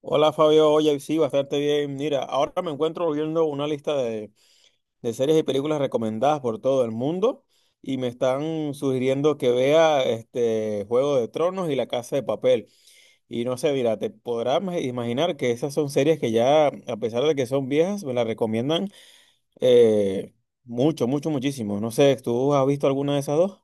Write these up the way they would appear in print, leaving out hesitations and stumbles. Hola Fabio, oye, sí, bastante bien. Mira, ahora me encuentro viendo una lista de series y películas recomendadas por todo el mundo y me están sugiriendo que vea este Juego de Tronos y La Casa de Papel. Y no sé, mira, te podrás imaginar que esas son series que ya, a pesar de que son viejas, me las recomiendan eh, mucho, mucho, muchísimo. No sé, ¿tú has visto alguna de esas dos?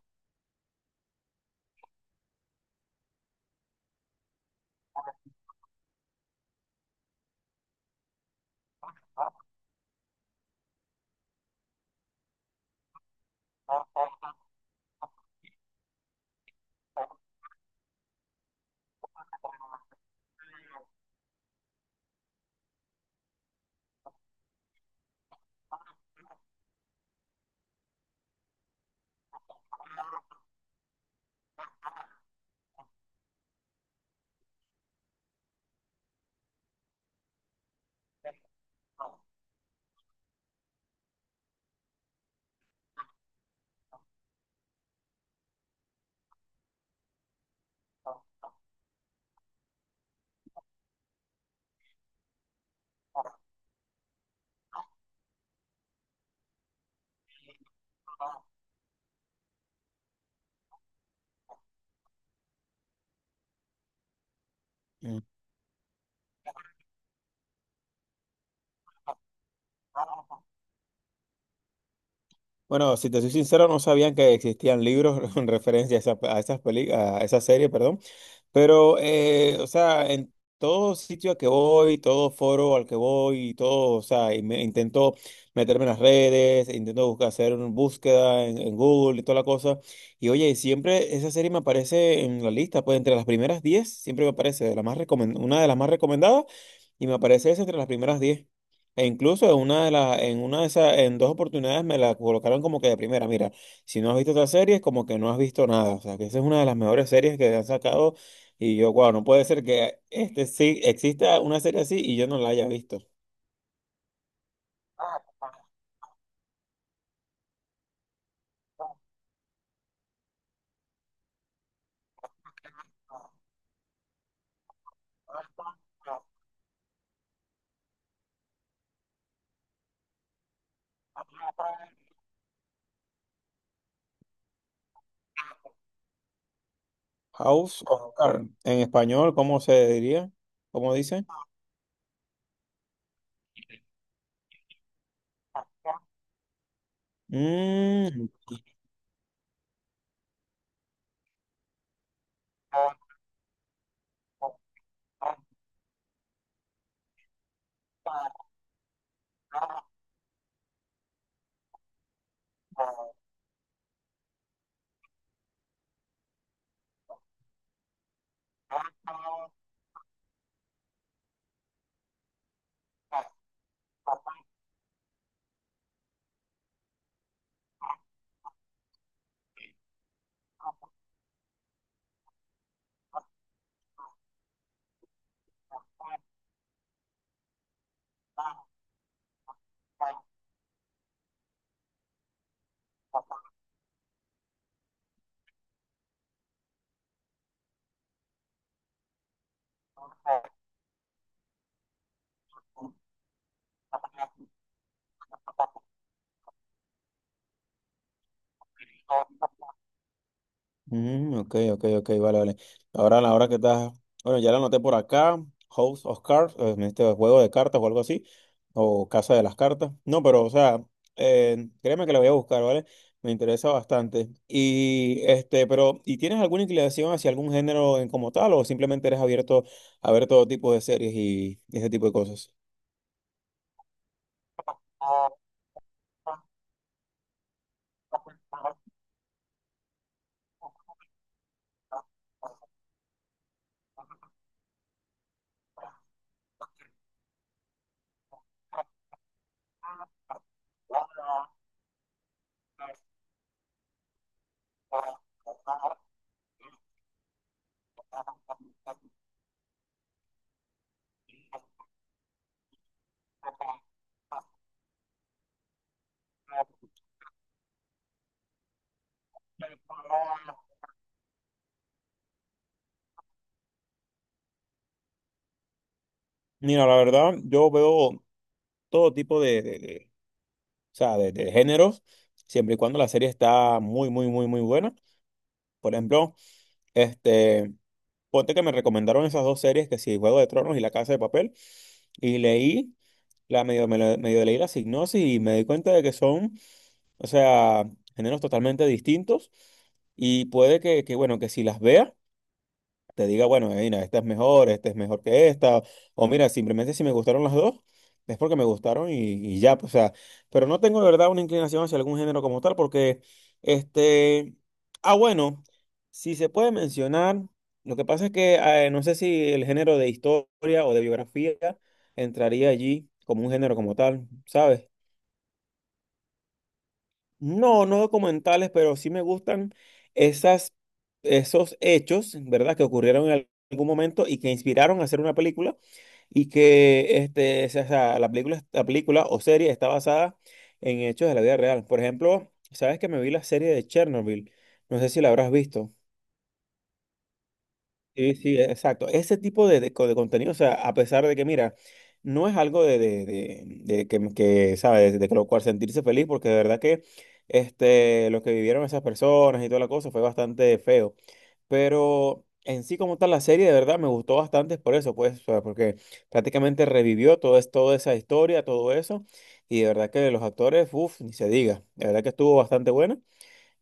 Mm. Bueno, si te soy sincero, no sabían que existían libros en referencia a esa serie, perdón. Pero, o sea, en todo sitio a que voy, todo foro al que voy, y todo, o sea, y intento meterme en las redes, intento buscar, hacer una búsqueda en Google y toda la cosa. Y oye, siempre esa serie me aparece en la lista, pues entre las primeras 10 siempre me aparece de la más una de las más recomendadas y me aparece esa entre las primeras 10. E incluso en una de las, en una de esas, en 2 oportunidades me la colocaron como que de primera. Mira, si no has visto otra serie, es como que no has visto nada. O sea, que esa es una de las mejores series que han sacado y yo, wow, no puede ser que este sí exista una serie así y yo no la haya visto. House of Cards. En español, ¿cómo se diría? ¿Cómo dice? Mm, mm, ok, ok, ok, vale, vale. Ahora, la hora que estás. Bueno, ya la anoté por acá. House of Cards, este juego de cartas o algo así. O Casa de las Cartas. No, pero, o sea, créeme que la voy a buscar, ¿vale? Me interesa bastante. Y, este, pero, ¿y tienes alguna inclinación hacia algún género en como tal o simplemente eres abierto a ver todo tipo de series y, ese tipo de cosas? Mira, la verdad, yo veo todo tipo de, o sea, de géneros, siempre y cuando la serie está muy, muy, muy, muy buena. Por ejemplo, este, ponte que me recomendaron esas dos series, que sí, Juego de Tronos y La Casa de Papel, y leí. La medio, me lo- medio leí la sinopsis y me di cuenta de que son, o sea, géneros totalmente distintos. Y puede que, bueno, que si las vea te diga, bueno, mira, esta es mejor que esta, o mira, simplemente si me gustaron las dos, es porque me gustaron y ya, pues, o sea, pero no tengo de verdad una inclinación hacia algún género como tal, porque, este, ah, bueno, si se puede mencionar, lo que pasa es que no sé si el género de historia o de biografía entraría allí como un género como tal, ¿sabes? No, no documentales, pero sí me gustan esas, esos hechos, ¿verdad? Que ocurrieron en algún momento y que inspiraron a hacer una película y que este, o sea, la película o serie está basada en hechos de la vida real. Por ejemplo, sabes que me vi la serie de Chernobyl, no sé si la habrás visto. Sí, sí, exacto. Ese tipo de contenido, o sea, a pesar de que, mira, no es algo de que, ¿sabes? De que lo cual sentirse feliz, porque de verdad que este, lo que vivieron esas personas y toda la cosa fue bastante feo. Pero en sí, como tal, la serie de verdad me gustó bastante por eso, pues, o sea, porque prácticamente revivió toda esa historia, todo eso, y de verdad que los actores, uff, ni se diga, de verdad que estuvo bastante buena.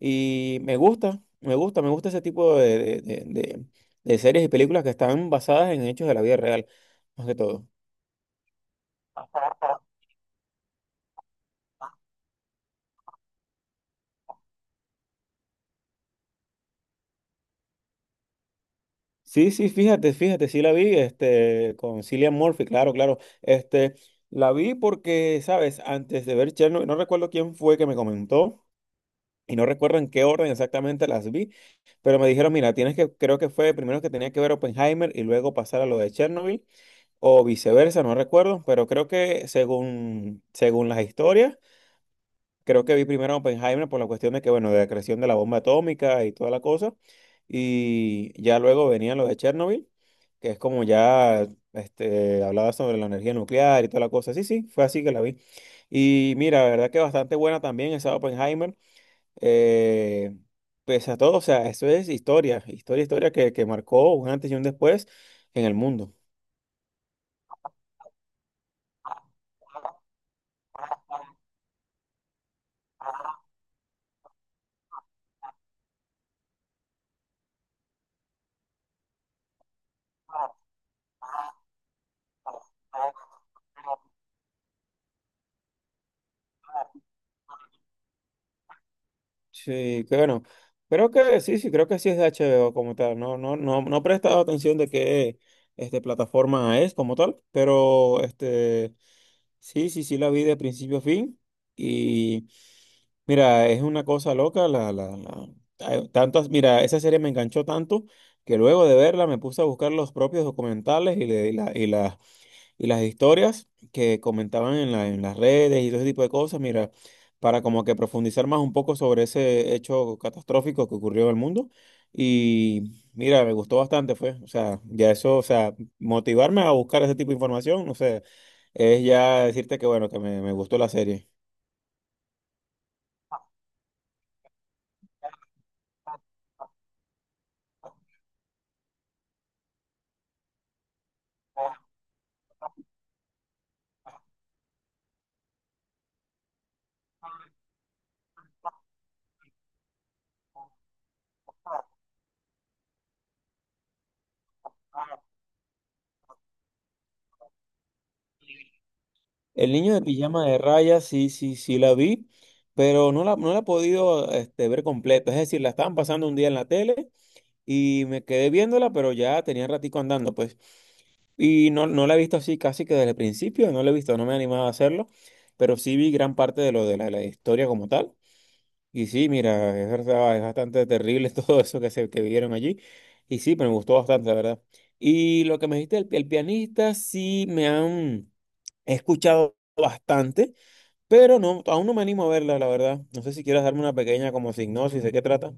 Y me gusta, me gusta, me gusta ese tipo de, de series y películas que están basadas en hechos de la vida real, más que todo. Sí, sí, fíjate, fíjate, sí la vi, este, con Cillian Murphy, claro, claro. Este, la vi porque, sabes, antes de ver Chernobyl, no recuerdo quién fue que me comentó, y no recuerdo en qué orden exactamente las vi, pero me dijeron, mira, tienes que, creo que fue primero que tenía que ver Oppenheimer y luego pasar a lo de Chernobyl, o viceversa, no recuerdo, pero creo que según las historias. Creo que vi primero a Oppenheimer por la cuestión de que, bueno, de la creación de la bomba atómica y toda la cosa. Y ya luego venían los de Chernobyl, que es como ya este, hablaba sobre la energía nuclear y toda la cosa. Sí, sí, fue así que la vi. Y mira, la verdad que bastante buena también esa Oppenheimer. Eh, pese a todo, o sea, eso es historia, historia, historia que marcó un antes y un después en el mundo. Sí, que bueno. Creo que sí, sí, creo que sí es de HBO como tal. No, no, no, no he prestado atención de qué plataforma es como tal, pero sí, sí, sí la vi de principio a fin. Y mira, es una cosa loca. Hay tantas, mira, esa serie me enganchó tanto que luego de verla me puse a buscar los propios documentales y las historias que comentaban en las redes y todo ese tipo de cosas, mira, para como que profundizar más un poco sobre ese hecho catastrófico que ocurrió en el mundo. Y mira, me gustó bastante, fue. O sea, ya eso, o sea, motivarme a buscar ese tipo de información, no sé, es ya decirte que bueno, que me gustó la serie. El niño de pijama de rayas, sí, sí, sí la vi, pero no la he podido ver completa. Es decir, la estaban pasando un día en la tele y me quedé viéndola, pero ya tenía ratico andando, pues. Y no, no la he visto así casi que desde el principio, no la he visto, no me he animado a hacerlo, pero sí vi gran parte de lo de la historia como tal. Y sí, mira, es verdad, es bastante terrible todo eso que se que vieron allí. Y sí, pero me gustó bastante, la verdad. Y lo que me dijiste, el pianista, sí me han he escuchado bastante, pero no, aún no me animo a verla, la verdad. No sé si quieres darme una pequeña como sinopsis de qué trata.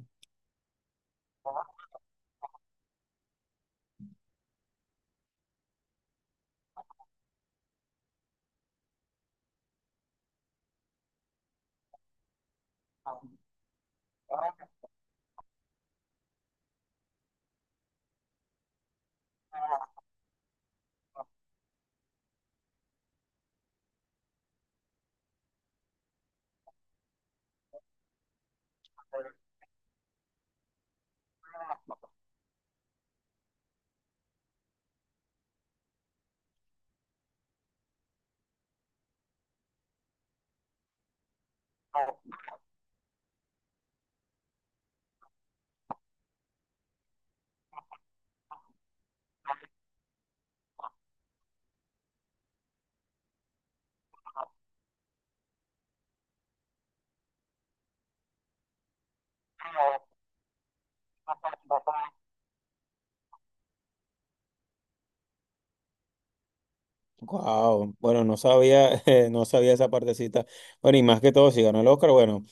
Wow, bueno, no sabía, no sabía esa partecita. Bueno, y más que todo, si ganó el Oscar, bueno.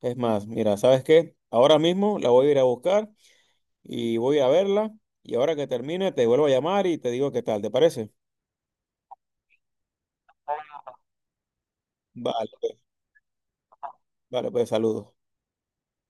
Es más, mira, ¿sabes qué? Ahora mismo la voy a ir a buscar y voy a verla. Y ahora que termine, te vuelvo a llamar y te digo qué tal, ¿te parece? Vale, pues, vale, pues saludos.